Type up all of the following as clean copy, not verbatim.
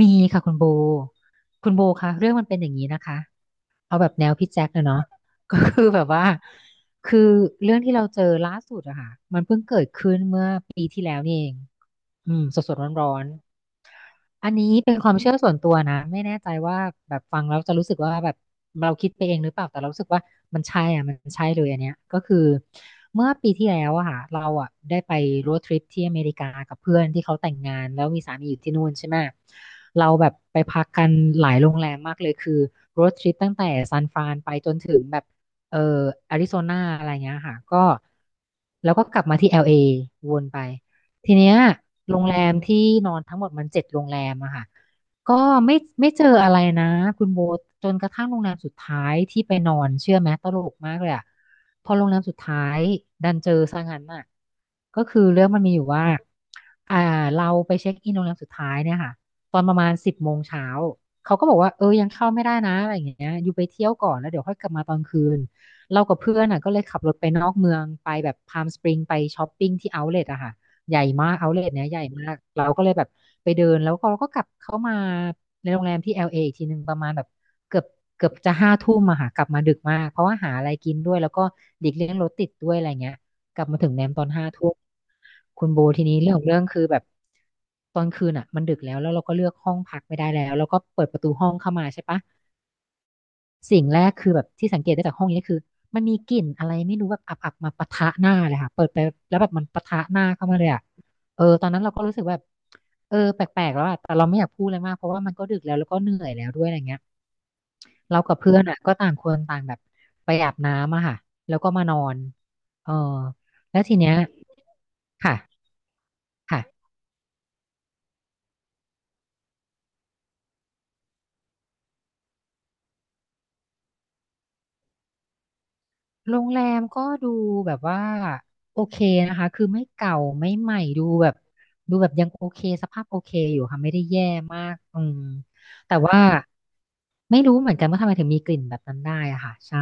มีค่ะคุณโบ คุณโบคะเรื่องมันเป็นอย่างนี้นะคะเอาแบบแนวพี่แจ็คเลยเนาะ ก็คือแบบว่าคือเรื่องที่เราเจอล่าสุดอะค่ะ อืมสดๆร้อนๆอันนี้เป็นความเชื่อส่วนตัวนะไม่แน่ใจว่าแบบฟังแล้วจะรู้สึกว่าแบบเราคิดไปเองหรือเปล่าแต่เรารู้สึกว่ามันใช่อ่ะมันใช่เลยอันเนี้ยก็คือเมื่อปีที่แล้วอะค่ะเราอะได้ไปโรดทริปที่อเมริกากับเพื่อนที่เขาแต่งงานแล้วมีสามีอยู่ที่นู่นใช่ไหมเราแบบไปพักกันหลายโรงแรมมากเลยคือโรดทริปตั้งแต่ซานฟรานไปจนถึงแบบเอ่ออาริโซนาอะไรเงี้ยค่ะก็แล้วก็กลับมาที่แอลเอวนไป ทีเนี้ยโรงแรมที่นอนทั้งหมดมัน7 โรงแรมอะค่ะก็ไม่ไม่เจออะไรนะคุณโบทจนกระทั่งโรงแรมสุดท้ายที่ไปนอนเชื่อไหมตลกมากเลยอะพอโรงแรมสุดท้ายดันเจอซะงั้นน่ะก็คือเรื่องมันมีอยู่ว่าอ่าเราไปเช็คอินโรงแรมสุดท้ายเนี่ยค่ะตอนประมาณ10 โมงเช้าเขาก็บอกว่าเออยังเข้าไม่ได้นะอะไรอย่างเงี้ยอยู่ไปเที่ยวก่อนแล้วเดี๋ยวค่อยกลับมาตอนคืนเรากับเพื่อนอ่ะก็เลยขับรถไปนอกเมืองไปแบบพามสปริงไปช้อปปิ้งที่เอาท์เลทอะค่ะ ใหญ่มากเอาเลทเนี้ยใหญ่มากเราก็เลยแบบไปเดินแล้วก็เราก็กลับเข้ามาในโรงแรมที่แอลเ a อีกทีหนึ่งประมาณแบบเกือบเกือบจะห้าทุ่มอะค่ะกลับมาดึกมากเพราะว่าหาอะไรกินด้วยแล้วก็เด็กเลี้ยงรถติดด้วยอะไรเงี้ยกลับมาถึงแนมตอนห้าทุ่มคุณโบทีนี้เรื่องของเรื่องคือแบบตอนคืนอ่ะมันดึกแล้วเราก็เลือกห้องพักไม่ได้แล้วก็เปิดประตูห้องเข้ามาใช่ปะ สิ่งแรกคือแบบที่สังเกตได้จากห้องนี้คือมันมีกลิ่นอะไรไม่รู้แบบอับๆมาปะทะหน้าเลยค่ะเปิดไปแล้วแบบมันปะทะหน้าเข้ามาเลยอ่ะเออตอนนั้นเราก็รู้สึกแบบเออแปลกๆแล้วอ่ะแต่เราไม่อยากพูดเลยมากเพราะว่ามันก็ดึกแล้วก็เหนื่อยแล้วด้วยอะไรเงี้ยเรากับเพื่อนอ่ะก็ต่างคนต่างแบบไปอาบน้ำอะค่ะแล้วก็มานอนเออแล้วทีเนี้ยค่ะค่ะ โรงแรมก็ดูแบบว่าโอเคนะคะคือไม่เก่าไม่ใหม่ดูแบบยังโอเคสภาพโอเคอยู่ค่ะไม่ได้แย่มากอืมแต่ว่าไม่รู้เหมือนกันว่าทำไมถึงมีกลิ่นแบบนั้นได้อะค่ะใช่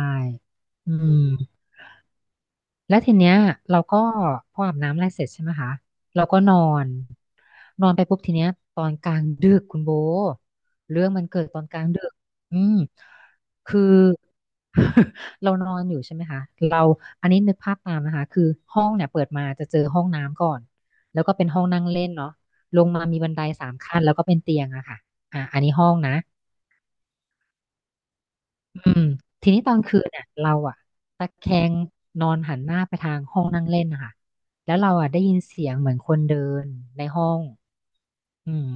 อืม แล้วทีเนี้ยเราก็พออาบน้ำอะไรเสร็จใช่ไหมคะเราก็นอนนอนไปปุ๊บทีเนี้ยตอนกลางดึกคุณโบเรื่องมันเกิดตอนกลางดึกอืมคือ เรานอนอยู่ใช่ไหมคะเราอันนี้นึกภาพตามนะคะคือห้องเนี่ยเปิดมาจะเจอห้องน้ำก่อนแล้วก็เป็นห้องนั่งเล่นเนาะลงมามีบันได3 ขั้นแล้วก็เป็นเตียงอะค่ะอ่ะอันนี้ห้องนะ อืมทีนี้ตอนคืนเนี่ยเราอะตะแคงนอนหันหน้าไปทางห้องนั่งเล่นนะคะแล้วเราอะได้ยินเสียงเหมือนคนเดินในห้องอืม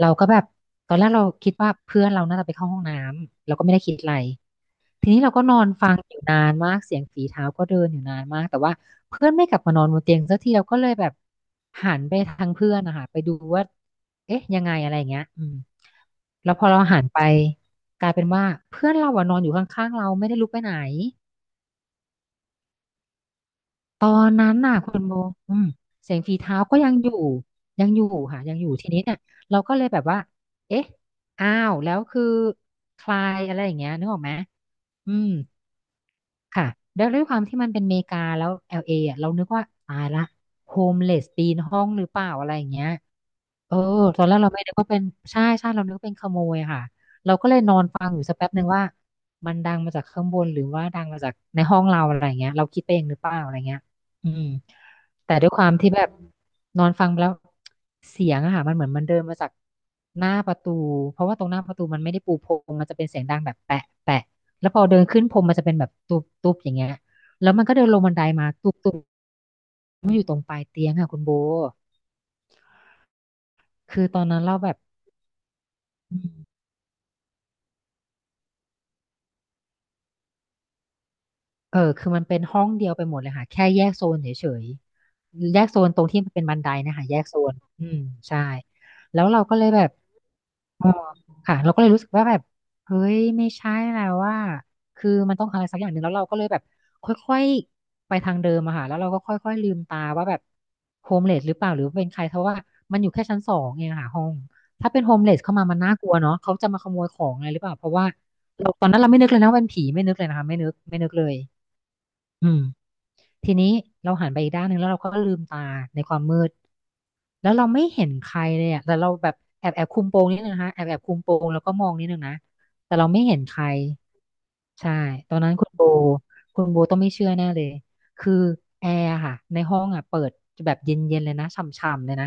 เราก็แบบตอนแรกเราคิดว่าเพื่อนเราน่าจะไปเข้าห้องน้ำเราก็ไม่ได้คิดอะไร ทีนี้เราก็นอนฟังอยู่นานมากเสียงฝีเท้าก็เดินอยู่นานมากแต่ว่าเพื่อนไม่กลับมานอนบนเตียงสักทีเราก็เลยแบบหันไปทางเพื่อนนะคะไปดูว่าเอ๊ะยังไงอะไรอย่างเงี้ยอืมแล้วพอเราหันไปกลายเป็นว่าเพื่อนเราอะนอนอยู่ข้างๆเราไม่ได้ลุกไปไหนตอนนั้นน่ะคุณโบอืมเสียงฝีเท้าก็ยังอยู่ยังอยู่ค่ะยังอยู่ทีนี้เนี่ยเราก็เลยแบบว่าเอ๊ะอ้าวแล้วคือใครอะไรอย่างเงี้ยนึกออกไหมอืม ค่ะแล้วด้วยความที่มันเป็นอเมริกาแล้ว LA อลเออ่ะ เรานึกว่าตายละโฮมเลสปีนห้องหรือเปล่าอะไรอย่างเงี้ย เออตอนแรกเราไม่นึกว่าเป็น ใช่ใช่เรานึกว่าเป็นขโมยอะค่ะ เราก็เลยนอนฟังอยู่สักแป๊บหนึ่งว่า มันดังมาจากข้างบนหรือว่าดังมาจากในห้องเราอะไรเงี้ยเราคิดไปเองหรือเปล่าอะไรเงี้ยอืมแต่ด้วยความที่แบบนอนฟังไปแล้วเสียงอะค่ะมันเหมือนมันเดินมาจากหน้าประตู เพราะว่าตรงหน้าประตูมันไม่ได้ปูพรมมันจะเป็นเสียงดังแบบแปะแปะแล้วพอเดินขึ้นพรมมันจะเป็นแบบตุบตุบอย่างเงี้ยแล้วมันก็เดินลงบันไดมาตุบตุบมันอยู่ตรงปลายเตียงค่ะคุณโบคือตอนนั้นเราแบบ เออคือมันเป็นห้องเดียวไปหมดเลยค่ะแค่แยกโซนเฉยๆแยกโซนตรงที่มันเป็นบันไดนะคะแยกโซนอืมใช่แล้วเราก็เลยแบบเออค่ะเราก็เลยรู้สึกว่าแบบเฮ้ยไม่ใช่แล้วว่า คือมันต้องอะไรสักอย่างหนึ่งแล้วเราก็เลยแบบค่อยๆไปทางเดิมอะค่ะแล้วเราก็ค่อยๆลืมตาว่าแบบโฮมเลสหรือเปล่าหรือว่าเป็นใครเพราะว่ามันอยู่แค่ชั้นสองเองอะค่ะห้องถ้าเป็นโฮมเลสเข้ามามันน่ากลัวเนาะเขาจะมาขโมยของอะไรหรือเปล่าเพราะว่าเราตอนนั้นเราไม่นึกเลยนะว่าเป็นผีไม่นึกเลยนะคะไม่นึกไม่นึกเลยอืม ทีนี้เราหันไปอีกด้านหนึ่งแล้วเราก็ลืมตาในความมืดแล้วเราไม่เห็นใครเลยอ่ะแต่เราแบบแอบแอบคุมโปงนิดนึงนะคะแอบแอบคุมโปงแล้วก็มองนิดนึงนะแต่เราไม่เห็นใคร ใช่ ตอนนั้นคุณโบ คุณโบต้องไม่เชื่อแน่เลย คือแอร์อะค่ะ ในห้องอ่ะเปิดแบบเย็นๆเลยนะฉ่ำๆเลยนะ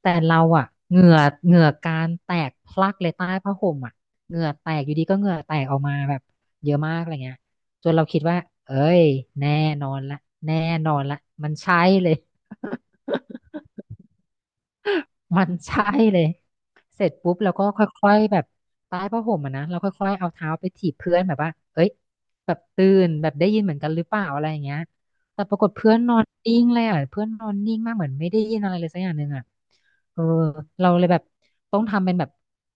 แต่เราอ่ะเหงื่อเหงื่อการแตกพลักเลยใต้ผ้าห่มอ่ะเหงื่อแตกอยู่ดีก็เหงื่อแตกออกมาแบบเยอะมากอะไรเงี้ยจนเราคิดว่าเอ้ยแน่นอนละแน่นอนละมันใช่เลย มันใช่เลย เสร็จปุ๊บเราก็ค่อยๆแบบใต้ผ้าห่มอะนะเราค่อยๆเอาเท้าไปถีบเพื่อนแบบว่าเอ้ยแบบตื่นแบบได้ยินเหมือนกันหรือเปล่าอะไรอย่างเงี้ยแต่ปรากฏเพื่อนนอนนิ่งเลยอ่ะเพื่อนนอนนิ่งมากเหมือนไม่ได้ยินอะไรเลยสักอย่างหนึ่งอ่ะเออเราเลยแบบต้องทำเป็นแบบ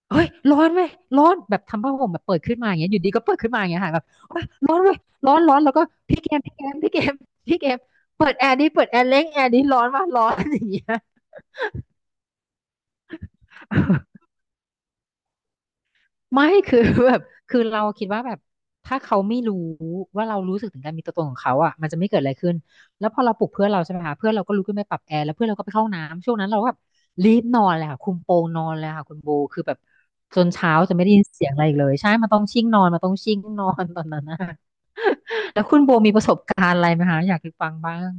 เฮ้ยร้อนไหมร้อนแบบทำผ้าห่มแบบเปิดขึ้นมาอย่างเงี้ยอยู่ดีก็เปิดขึ้นมาอย่างเงี้ยค่ะแบบโอ๊ยร้อนเว้ยร้อนร้อนแล้วก็พี่เกมพี่เกมพี่เกมพี่เกมเปิดแอร์ดิเปิดแอร์เล้งแอร์ดิร้อนว่ะร้อน อย่างเงี้ย ไม่คือ แบบคือเราคิดว่าแบบถ้าเขาไม่รู้ว่าเรารู้สึกถึงการมีตัวตนของเขาอ่ะมันจะไม่เกิดอะไรขึ้นแล้วพอเราปลุกเพื่อนเราใช่ไหมคะเพื่อนเราก็ลุกขึ้นไปปรับแอร์แล้วเพื่อนเราก็ไปเข้าน้ำช่วงนั้นเราก็แบบรีบนอนเลยค่ะคุมโปงนอนเลยค่ะคุณโบคือแบบจนเช้าจะไม่ได้ยินเสียงอะไรอีกเลยใช่มันต้องชิ่งนอนมันต้องชิ่งนอนตอนนั้นนะ แล้วคุณโบมีประสบการณ์อะไรไหมคะอยากฟังบ้าง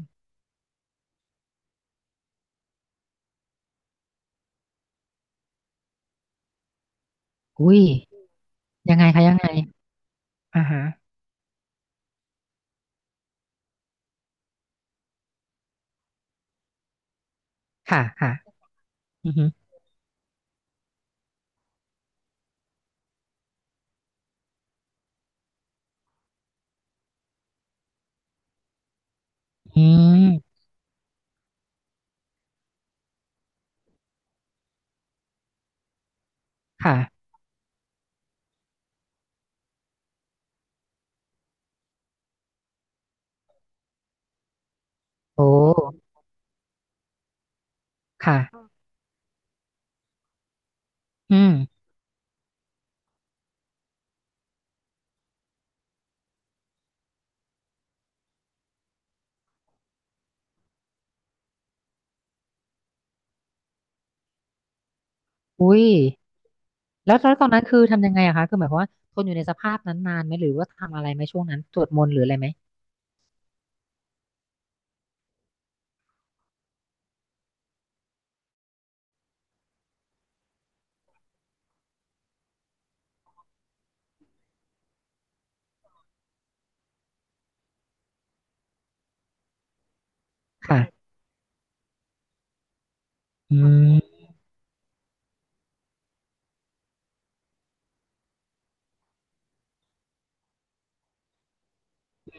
อุ้ยยังไงคะยังไงอ่าฮะค่ะค่ะอือฮึอืมค่ะโอ้ค่ะอืม อุ้ยแล้วแล้วตอนนั้นคือทำยังไงอะคะคือหมายความว่าทนอยู่ในสภาพนั้นนานไหมหรือว่าทำอะไรไหมช่วงนั้นสวดมนต์หรืออะไรไหมค่ะอืม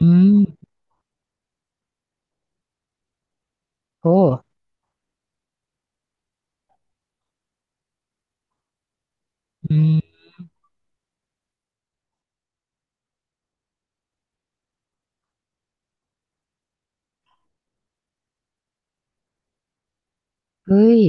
อืมโอ้อืมเฮ้ย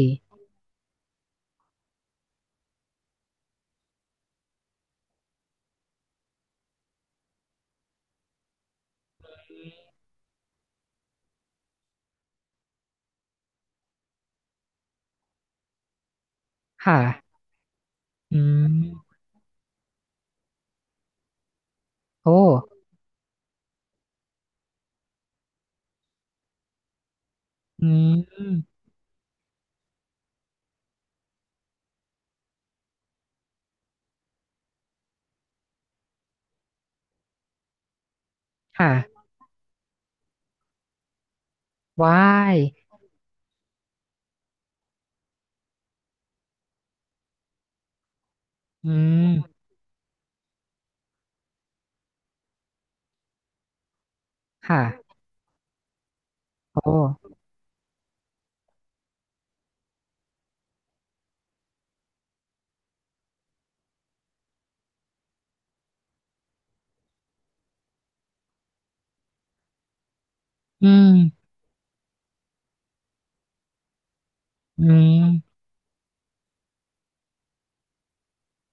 ค่ะอืมโอ้อืมค่ะว้ายอืมค่ะโอ้อืมอืม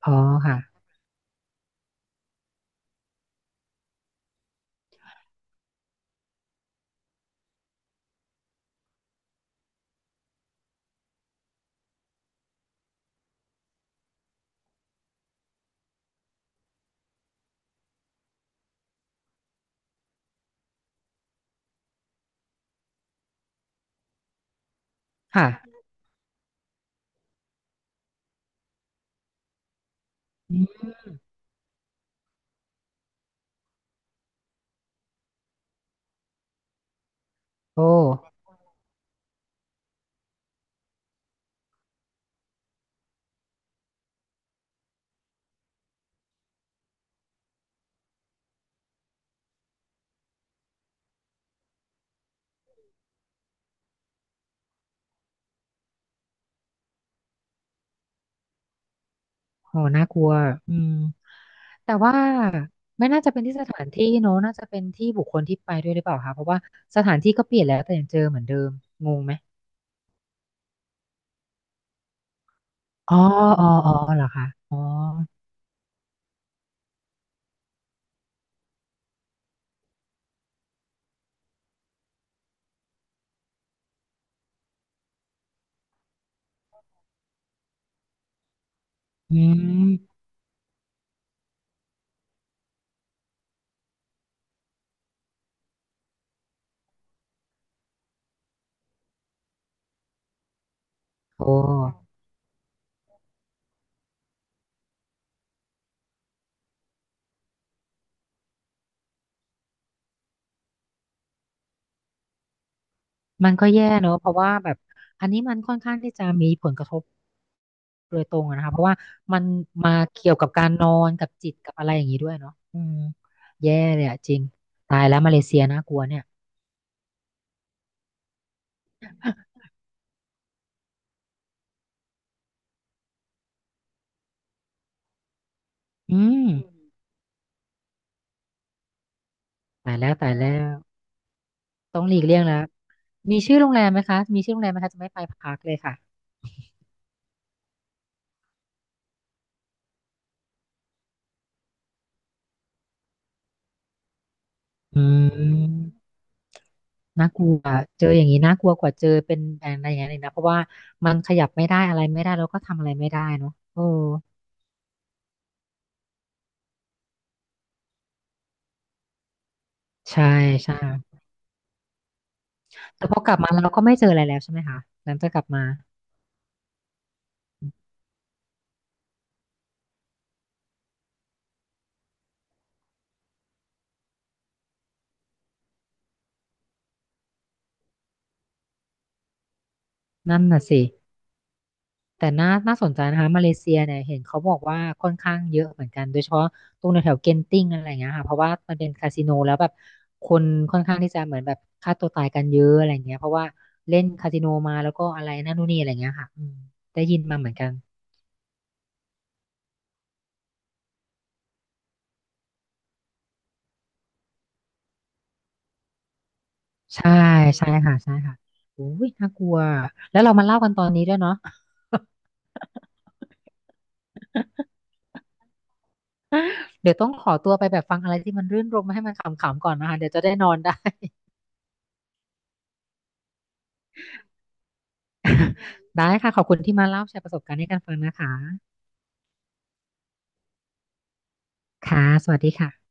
อ๋อค่ะค่ะอืมโอ้โหน่ากลัวอืม แต่ว่าไม่น่าจะเป็นที่สถานที่เนอะน่าจะเป็นที่บุคคลที่ไปด้วยหรือเปล่าคะเพราะว่าสถานที่ก็เปลี่ยนแล้วแต่ยังเจอเหมือนเดิมงงไหมอ๋ออ๋ออ๋อเหรอคะอ๋ออืมโอ้มันก็แย่เนอะเพราะว่าแบบอันนี้มันค่อนข้างที่จะมีผลกระทบโดยตรงอะนะคะเพราะว่ามันมาเกี่ยวกับการนอนกับจิตกับอะไรอย่างนี้ด้วยเนาะอืมแย่เลยอะจริงตายแล้วมาเลเซียน่ากลัวเนี่ยอืมตายแล้วตายแล้ว ต้องหลีกเลี่ยงแล้ว มีชื่อโรงแรมไหมคะมีชื่อโรงแรมไหมคะจะไม่ไปพักเลยค่ะอืมน่ากลัวเจออย่างนี้น่ากลัวกว่าเจอเป็นอะไรอย่างนั้นอีกนะเพราะว่ามันขยับไม่ได้อะไรไม่ได้แล้วก็ทำอะไรไม่ได้เนาะโอ้ ใช่ใช่แต่พอกลับมาเราก็ไม่เจออะไรแล้วใช่ไหมคะหลังจากกลับมานั่นน่ะสิ แต่น่าน่าสนใจนะคะมาเลเซียเนี่ยเห็นเขาบอกว่าค่อนข้างเยอะเหมือนกันโดยเฉพาะตรงแถวๆเกนติ้งอะไรอย่างเงี้ยค่ะเพราะว่ามันเป็นคาสิโนแล้วแบบคนค่อนข้างที่จะเหมือนแบบฆ่าตัวตายกันเยอะอะไรอย่างเงี้ยเพราะว่าเล่นคาสิโนมาแล้วก็อะไรนั่นนู่นนี่อะไรอย่างเงี้ยค่ะอืมได้ยินมาเหมือนกันใช่ใช่ค่ะใช่ค่ะอุ้ยน่ากลัวแล้วเรามาเล่ากันตอนนี้ด้วยเนาะ เดี๋ยวต้องขอตัวไปแบบฟังอะไรที่มันรื่นรมให้มันขำๆก่อนนะคะเดี๋ยวจะได้นอนได้ ได้ค่ะขอบคุณที่มาเล่าแชร์ประสบการณ์ให้กันฟังนะคะค่ะสวัสดีค่ะ